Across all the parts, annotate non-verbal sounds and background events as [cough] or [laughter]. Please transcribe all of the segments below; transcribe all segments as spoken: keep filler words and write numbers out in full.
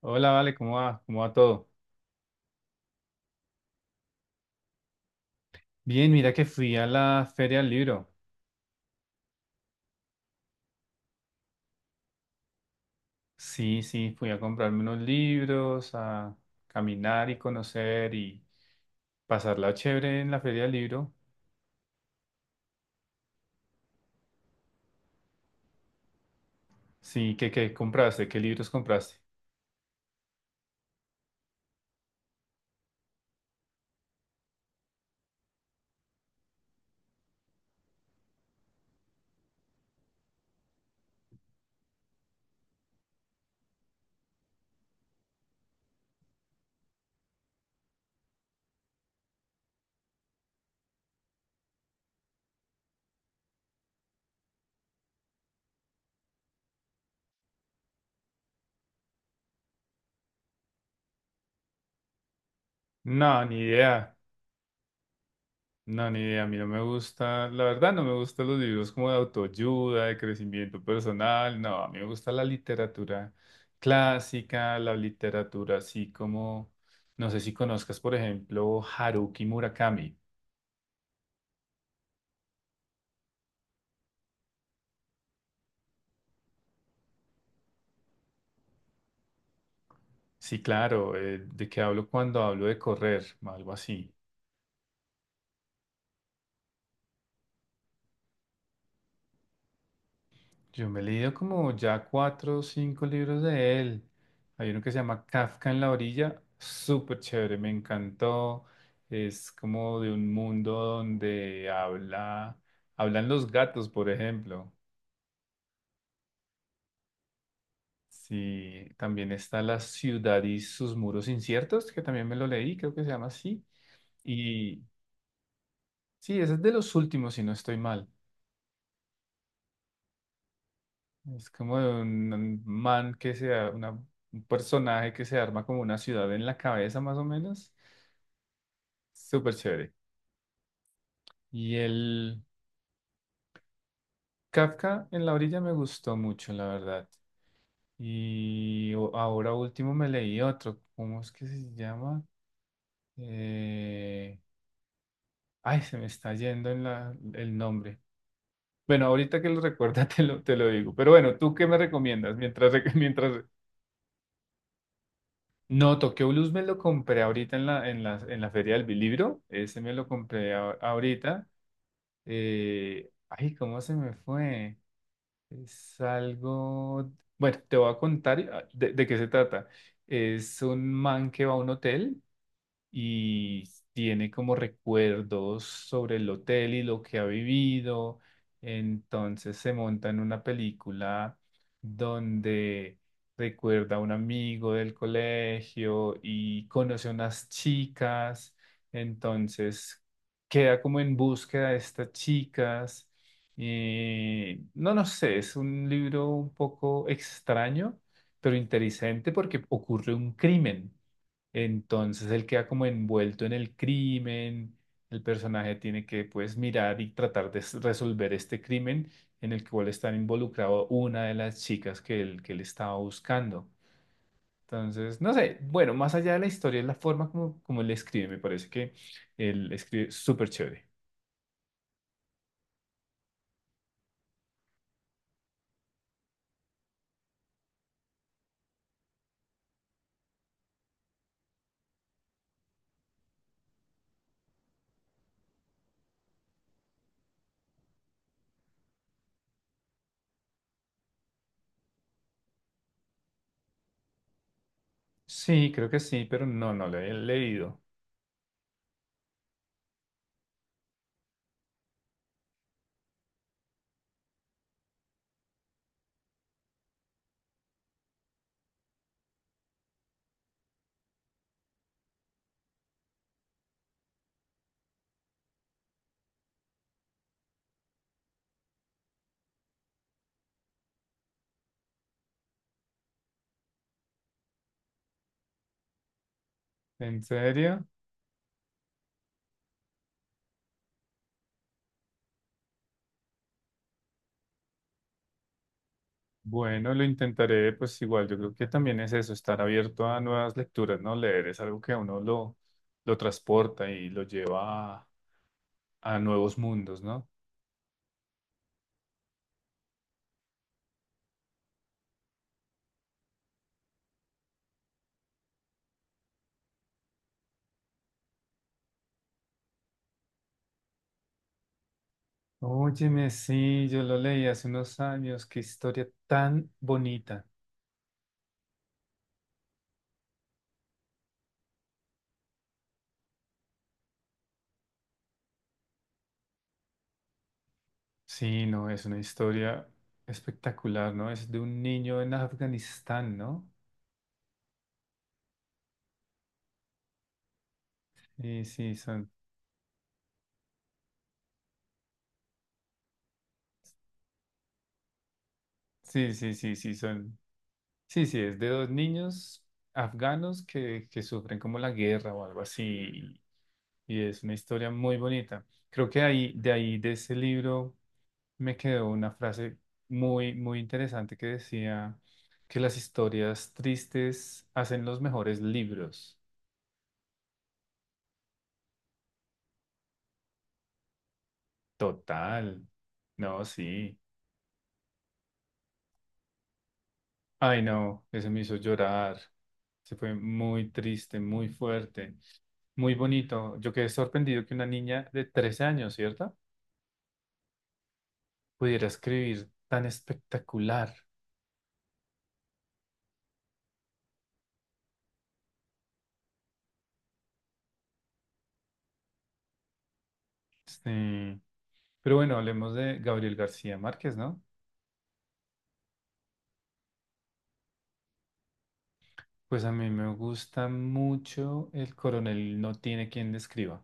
Hola, Vale, ¿cómo va? ¿Cómo va todo? Bien, mira que fui a la feria del libro. Sí, sí, fui a comprarme unos libros, a caminar y conocer y pasarla chévere en la feria del libro. Sí, ¿qué, qué compraste? ¿Qué libros compraste? No, ni idea. No, ni idea, a mí no me gusta, la verdad no me gustan los libros como de autoayuda, de crecimiento personal, no, a mí me gusta la literatura clásica, la literatura así como, no sé si conozcas, por ejemplo, Haruki Murakami. Sí, claro, eh, ¿de qué hablo cuando hablo de correr? Algo así. Yo me he leído como ya cuatro o cinco libros de él. Hay uno que se llama Kafka en la orilla, súper chévere, me encantó. Es como de un mundo donde habla, hablan los gatos, por ejemplo. Sí, también está La ciudad y sus muros inciertos, que también me lo leí, creo que se llama así. Y sí, ese es de los últimos, si no estoy mal. Es como de un man que sea una, un personaje que se arma como una ciudad en la cabeza, más o menos. Súper chévere. Y el Kafka en la orilla me gustó mucho, la verdad. Y o- ahora último me leí otro. ¿Cómo es que se llama? Eh, Ay, se me está yendo en la- el nombre. Bueno, ahorita que lo recuerda [laughs] te lo, te lo digo. Pero bueno, ¿tú qué me recomiendas? Mientras, re- [laughs] mientras... No, Tokyo Blues me lo compré ahorita en la, en la, en la feria del libro. Ese me lo compré a- ahorita. Eh, Ay, ¿cómo se me fue? Es algo, bueno, te voy a contar ah, de, de qué se trata. Es un man que va a un hotel y tiene como recuerdos sobre el hotel y lo que ha vivido. Entonces se monta en una película donde recuerda a un amigo del colegio y conoce a unas chicas. Entonces queda como en búsqueda de estas chicas. Eh, no, no sé, es un libro un poco extraño, pero interesante porque ocurre un crimen. Entonces él queda como envuelto en el crimen, el personaje tiene que pues mirar y tratar de s- resolver este crimen en el cual está involucrado una de las chicas que él, que él estaba buscando. Entonces, no sé, bueno, más allá de la historia, es la forma como, como él escribe, me parece que él escribe súper chévere. Sí, creo que sí, pero no, no lo he leído. ¿En serio? Bueno, lo intentaré, pues igual, yo creo que también es eso, estar abierto a nuevas lecturas, ¿no? Leer es algo que a uno lo, lo transporta y lo lleva a, a nuevos mundos, ¿no? Óyeme, sí, yo lo leí hace unos años, qué historia tan bonita. Sí, no, es una historia espectacular, ¿no? Es de un niño en Afganistán, ¿no? Sí, sí, son, sí, sí, sí, sí, son, sí, sí, es de dos niños afganos que, que sufren como la guerra o algo así y es una historia muy bonita. Creo que ahí, de ahí, de ese libro, me quedó una frase muy, muy interesante que decía que las historias tristes hacen los mejores libros. Total. No, sí. Ay, no, ese me hizo llorar. Se fue muy triste, muy fuerte, muy bonito. Yo quedé sorprendido que una niña de trece años, ¿cierto? Pudiera escribir tan espectacular. Sí. Pero bueno, hablemos de Gabriel García Márquez, ¿no? Pues a mí me gusta mucho El coronel no tiene quien describa.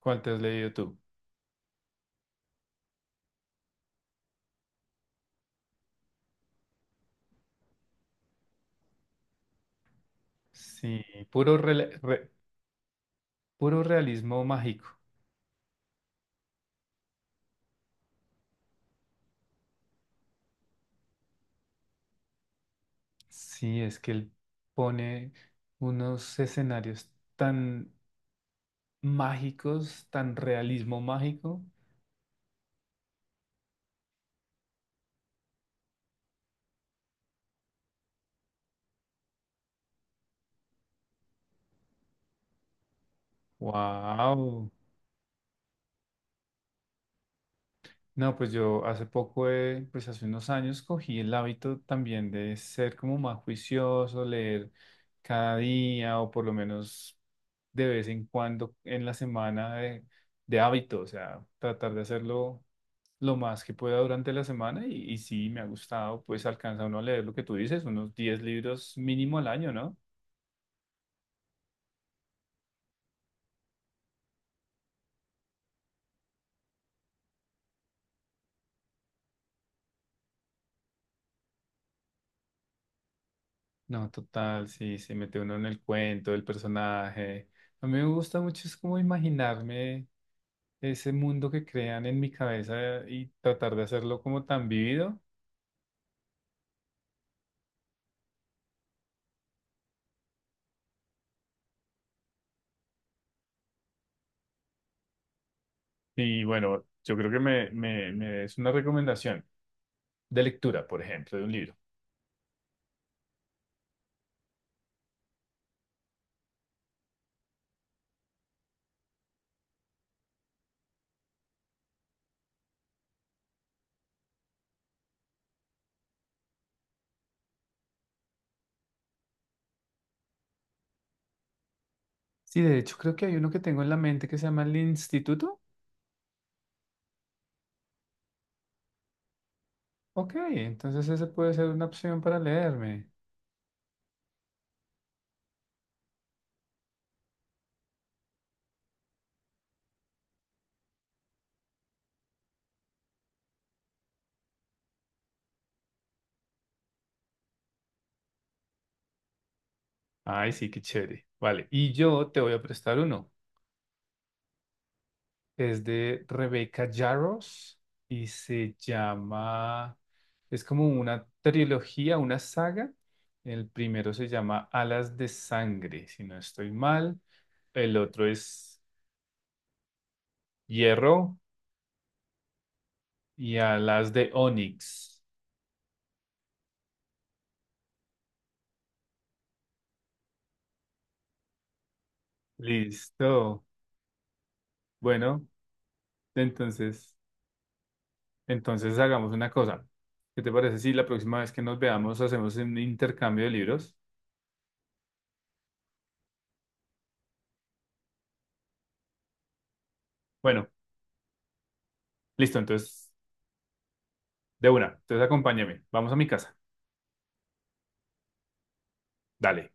¿Cuál te has leído tú? Sí, puro, rela- re- puro realismo mágico. Sí, es que él pone unos escenarios tan mágicos, tan realismo mágico. ¡Wow! No, pues yo hace poco, eh, pues hace unos años cogí el hábito también de ser como más juicioso, leer cada día o por lo menos de vez en cuando en la semana de, de hábito, o sea, tratar de hacerlo lo más que pueda durante la semana y, y sí, me ha gustado, pues alcanza uno a leer lo que tú dices, unos diez libros mínimo al año, ¿no? No, total, sí, se mete uno en el cuento, el personaje. A mí me gusta mucho, es como imaginarme ese mundo que crean en mi cabeza y tratar de hacerlo como tan vivido. Y bueno, yo creo que me, me, me des una recomendación de lectura, por ejemplo, de un libro. Sí, de hecho creo que hay uno que tengo en la mente que se llama El Instituto. Ok, entonces ese puede ser una opción para leerme. Ay, sí, qué chévere. Vale, y yo te voy a prestar uno. Es de Rebecca Yarros y se llama, es como una trilogía, una saga. El primero se llama Alas de Sangre, si no estoy mal. El otro es Hierro y Alas de Onix. Listo. Bueno, entonces, entonces hagamos una cosa. ¿Qué te parece si la próxima vez que nos veamos hacemos un intercambio de libros? Bueno, listo, entonces, de una. Entonces acompáñame. Vamos a mi casa. Dale.